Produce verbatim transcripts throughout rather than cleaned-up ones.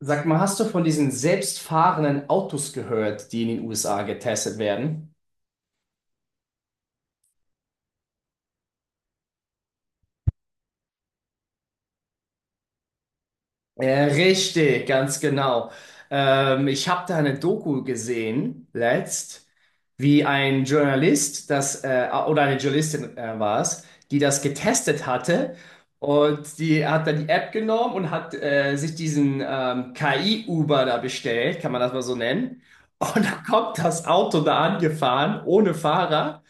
Sag mal, hast du von diesen selbstfahrenden Autos gehört, die in den U S A getestet werden? Ja, richtig, ganz genau. Ähm, ich habe da eine Doku gesehen, letzt, wie ein Journalist, das, äh, oder eine Journalistin äh, war es, die das getestet hatte. Und die hat dann die App genommen und hat äh, sich diesen ähm, K I-Uber da bestellt, kann man das mal so nennen. Und dann kommt das Auto da angefahren, ohne Fahrer.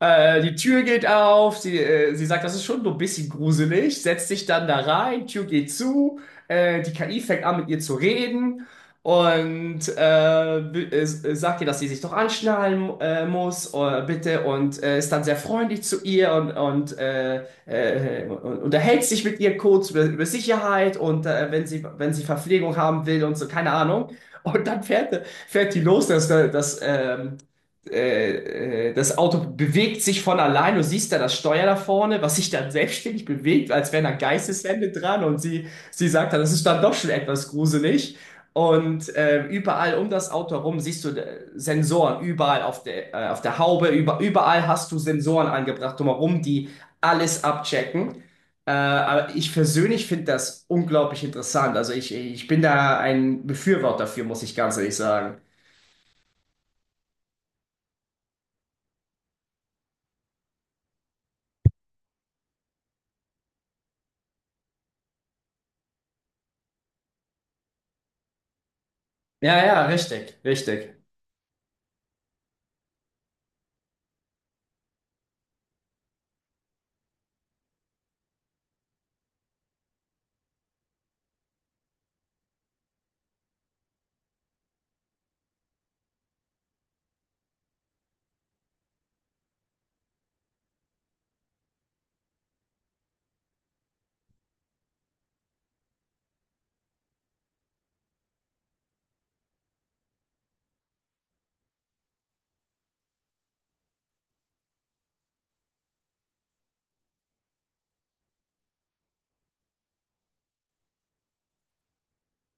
Äh, die Tür geht auf, sie, äh, sie sagt, das ist schon so ein bisschen gruselig, setzt sich dann da rein, Tür geht zu, äh, die K I fängt an mit ihr zu reden und äh, b- äh, sagt ihr, dass sie sich doch anschnallen äh, muss, äh, bitte, und äh, ist dann sehr freundlich zu ihr und, und äh, äh, und unterhält sich mit ihr kurz über, über Sicherheit und äh, wenn sie, wenn sie Verpflegung haben will und so, keine Ahnung. Und dann fährt, fährt die los, dass, dass, ähm, äh, äh, das Auto bewegt sich von allein. Du siehst da das Steuer da vorne, was sich dann selbstständig bewegt, als wären da Geisteshände dran. Und sie, sie sagt dann, das ist dann doch schon etwas gruselig. Und äh, überall um das Auto herum siehst du äh, Sensoren, überall auf der, äh, auf der Haube, über, überall hast du Sensoren angebracht drumherum, die alles abchecken. Äh, aber ich persönlich finde das unglaublich interessant. Also ich, ich bin da ein Befürworter dafür, muss ich ganz ehrlich sagen. Ja, ja, richtig, richtig.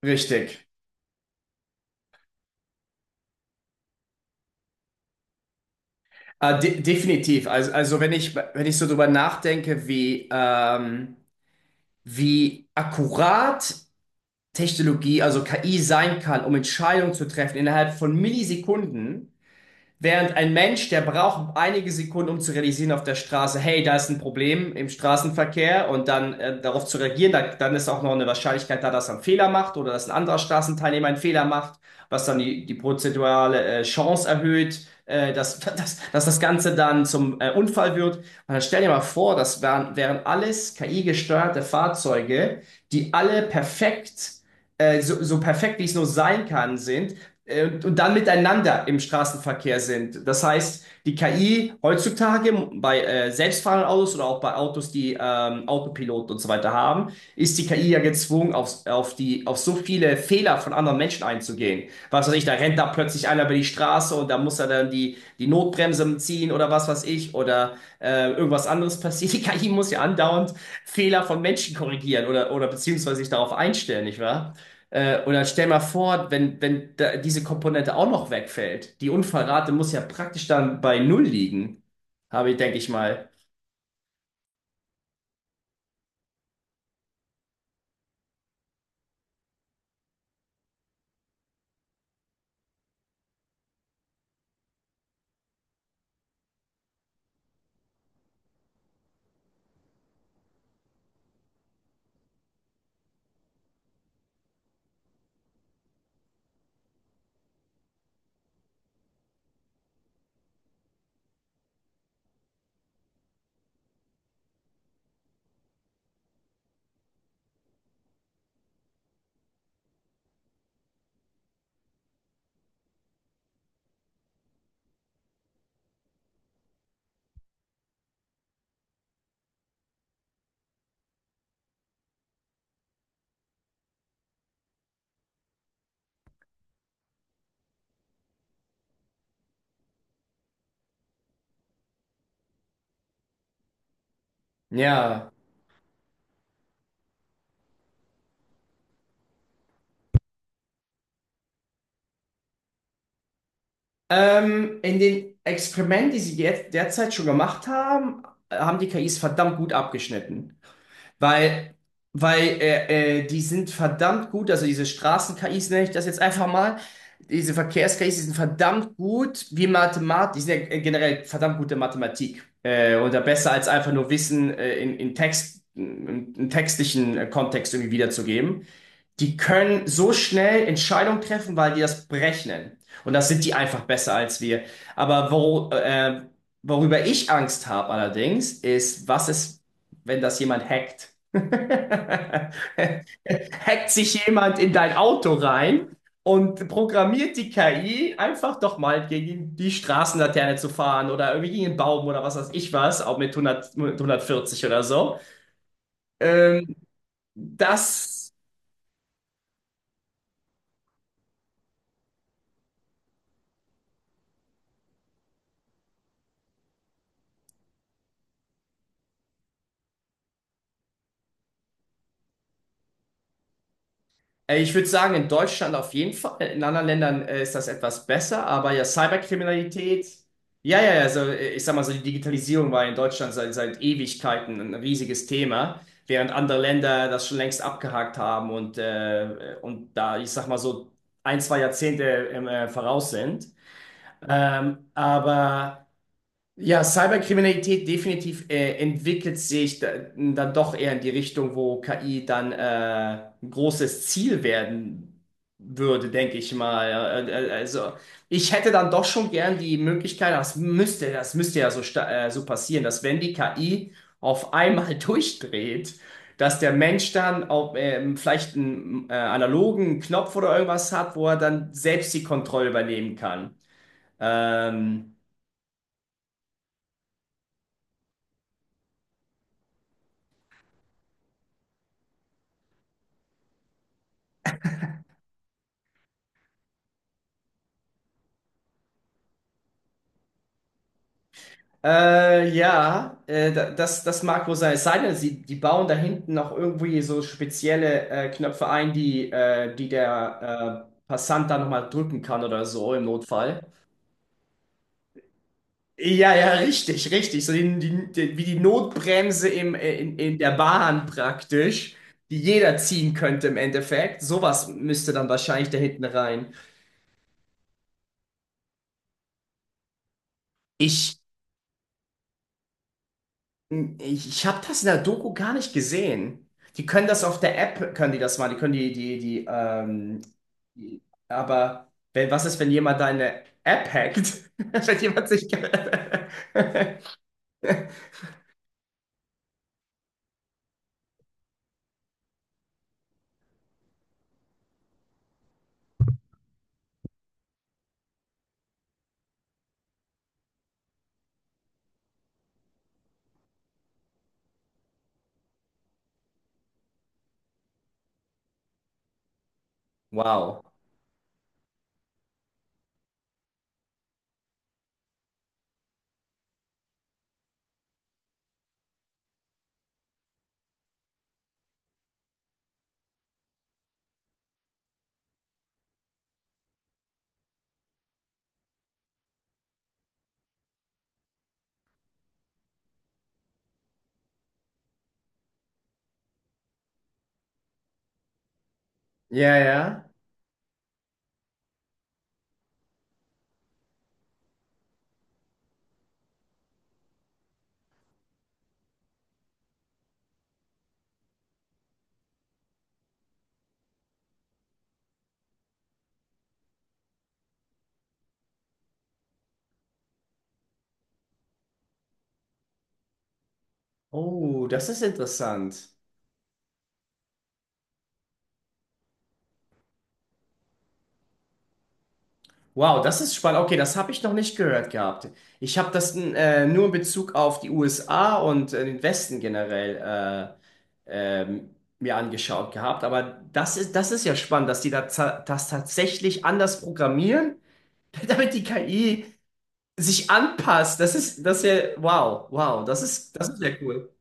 Richtig. Äh, de Definitiv. Also, also wenn ich, wenn ich so drüber nachdenke, wie, ähm, wie akkurat Technologie, also K I sein kann, um Entscheidungen zu treffen innerhalb von Millisekunden, während ein Mensch, der braucht einige Sekunden, um zu realisieren auf der Straße, hey, da ist ein Problem im Straßenverkehr und dann äh, darauf zu reagieren, da, dann ist auch noch eine Wahrscheinlichkeit da, dass er einen Fehler macht oder dass ein anderer Straßenteilnehmer einen Fehler macht, was dann die, die prozentuale äh, Chance erhöht, äh, dass, dass, dass das Ganze dann zum äh, Unfall wird. Und dann stell dir mal vor, das wären, wären alles K I-gesteuerte Fahrzeuge, die alle perfekt äh, so, so perfekt, wie es nur sein kann, sind äh, und, und dann miteinander im Straßenverkehr sind. Das heißt, die K I heutzutage bei äh, selbstfahrenden Autos oder auch bei Autos, die ähm, Autopilot und so weiter haben, ist die K I ja gezwungen, auf, auf die, auf so viele Fehler von anderen Menschen einzugehen. Was weiß ich, da rennt da plötzlich einer über die Straße und da muss er dann die, die Notbremse ziehen oder was weiß ich oder äh, irgendwas anderes passiert. Die K I muss ja andauernd Fehler von Menschen korrigieren oder, oder beziehungsweise sich darauf einstellen, nicht wahr? Äh, oder stell mal vor, wenn, wenn da diese Komponente auch noch wegfällt, die Unfallrate muss ja praktisch dann bei null liegen, habe ich, denke ich mal. Ja. Ähm, in den Experimenten, die sie jetzt derzeit schon gemacht haben, haben die K Is verdammt gut abgeschnitten. Weil, weil äh, äh, die sind verdammt gut, also diese Straßen-K Is nenne ich das jetzt einfach mal. Diese Verkehrs-K Is, die sind verdammt gut wie Mathematik, die sind ja äh, generell verdammt gute Mathematik. Äh, oder besser als einfach nur Wissen äh, in, in Text, in, in textlichen äh, Kontext irgendwie wiederzugeben. Die können so schnell Entscheidungen treffen, weil die das berechnen. Und das sind die einfach besser als wir. Aber wo, äh, worüber ich Angst habe allerdings, ist, was ist, wenn das jemand hackt. Hackt sich jemand in dein Auto rein und programmiert die K I einfach doch mal gegen die Straßenlaterne zu fahren oder irgendwie gegen einen Baum oder was weiß ich was, auch mit hundert, mit hundertvierzig oder so. Ähm, das Äh, Ich würde sagen, in Deutschland auf jeden Fall. In anderen Ländern äh, ist das etwas besser, aber ja, Cyberkriminalität. Ja, ja, ja, also äh, ich sag mal so, die Digitalisierung war in Deutschland seit, seit Ewigkeiten ein riesiges Thema, während andere Länder das schon längst abgehakt haben und, äh, und da, ich sag mal so, ein, zwei Jahrzehnte im, äh, voraus sind. Ähm, aber. Ja, Cyberkriminalität definitiv äh, entwickelt sich da, dann doch eher in die Richtung, wo K I dann äh, ein großes Ziel werden würde, denke ich mal. Äh, äh, Also ich hätte dann doch schon gern die Möglichkeit, das müsste, das müsste ja so, sta- äh, so passieren, dass wenn die K I auf einmal durchdreht, dass der Mensch dann auch, ähm, vielleicht einen äh, analogen Knopf oder irgendwas hat, wo er dann selbst die Kontrolle übernehmen kann. Ähm, Äh, ja, äh, da- das, das mag wohl sein. Es sei denn, sie, die bauen da hinten noch irgendwie so spezielle äh, Knöpfe ein, die, äh, die der äh, Passant da nochmal drücken kann oder so im Notfall. Ja, ja, richtig, richtig. So die, die, die, wie die Notbremse im, äh, in, in der Bahn praktisch, die jeder ziehen könnte im Endeffekt. Sowas müsste dann wahrscheinlich da hinten rein. Ich Ich, ich habe das in der Doku gar nicht gesehen. Die können das auf der App, können die das machen. Die können die, die, die, ähm, die aber wenn, was ist, wenn jemand deine App hackt? Wenn jemand sich. Wow. Ja, ja. Oh, das ist interessant. Wow, das ist spannend. Okay, das habe ich noch nicht gehört gehabt. Ich habe das äh, nur in Bezug auf die U S A und äh, den Westen generell äh, ähm, mir angeschaut gehabt. Aber das ist, das ist ja spannend, dass die da za- das tatsächlich anders programmieren, damit die K I sich anpasst. Das ist, das ist ja, wow, wow, das ist, das ist ja cool.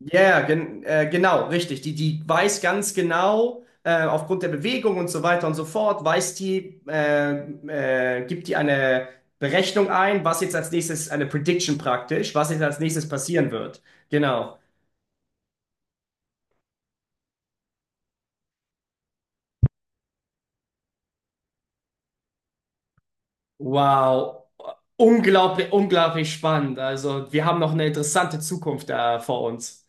Ja, ja, gen äh, genau, richtig. Die, die weiß ganz genau, äh, aufgrund der Bewegung und so weiter und so fort, weiß die, äh, äh, gibt die eine Berechnung ein, was jetzt als nächstes, eine Prediction praktisch, was jetzt als nächstes passieren wird. Genau. Wow. Unglaublich, unglaublich spannend. Also, wir haben noch eine interessante Zukunft da vor uns.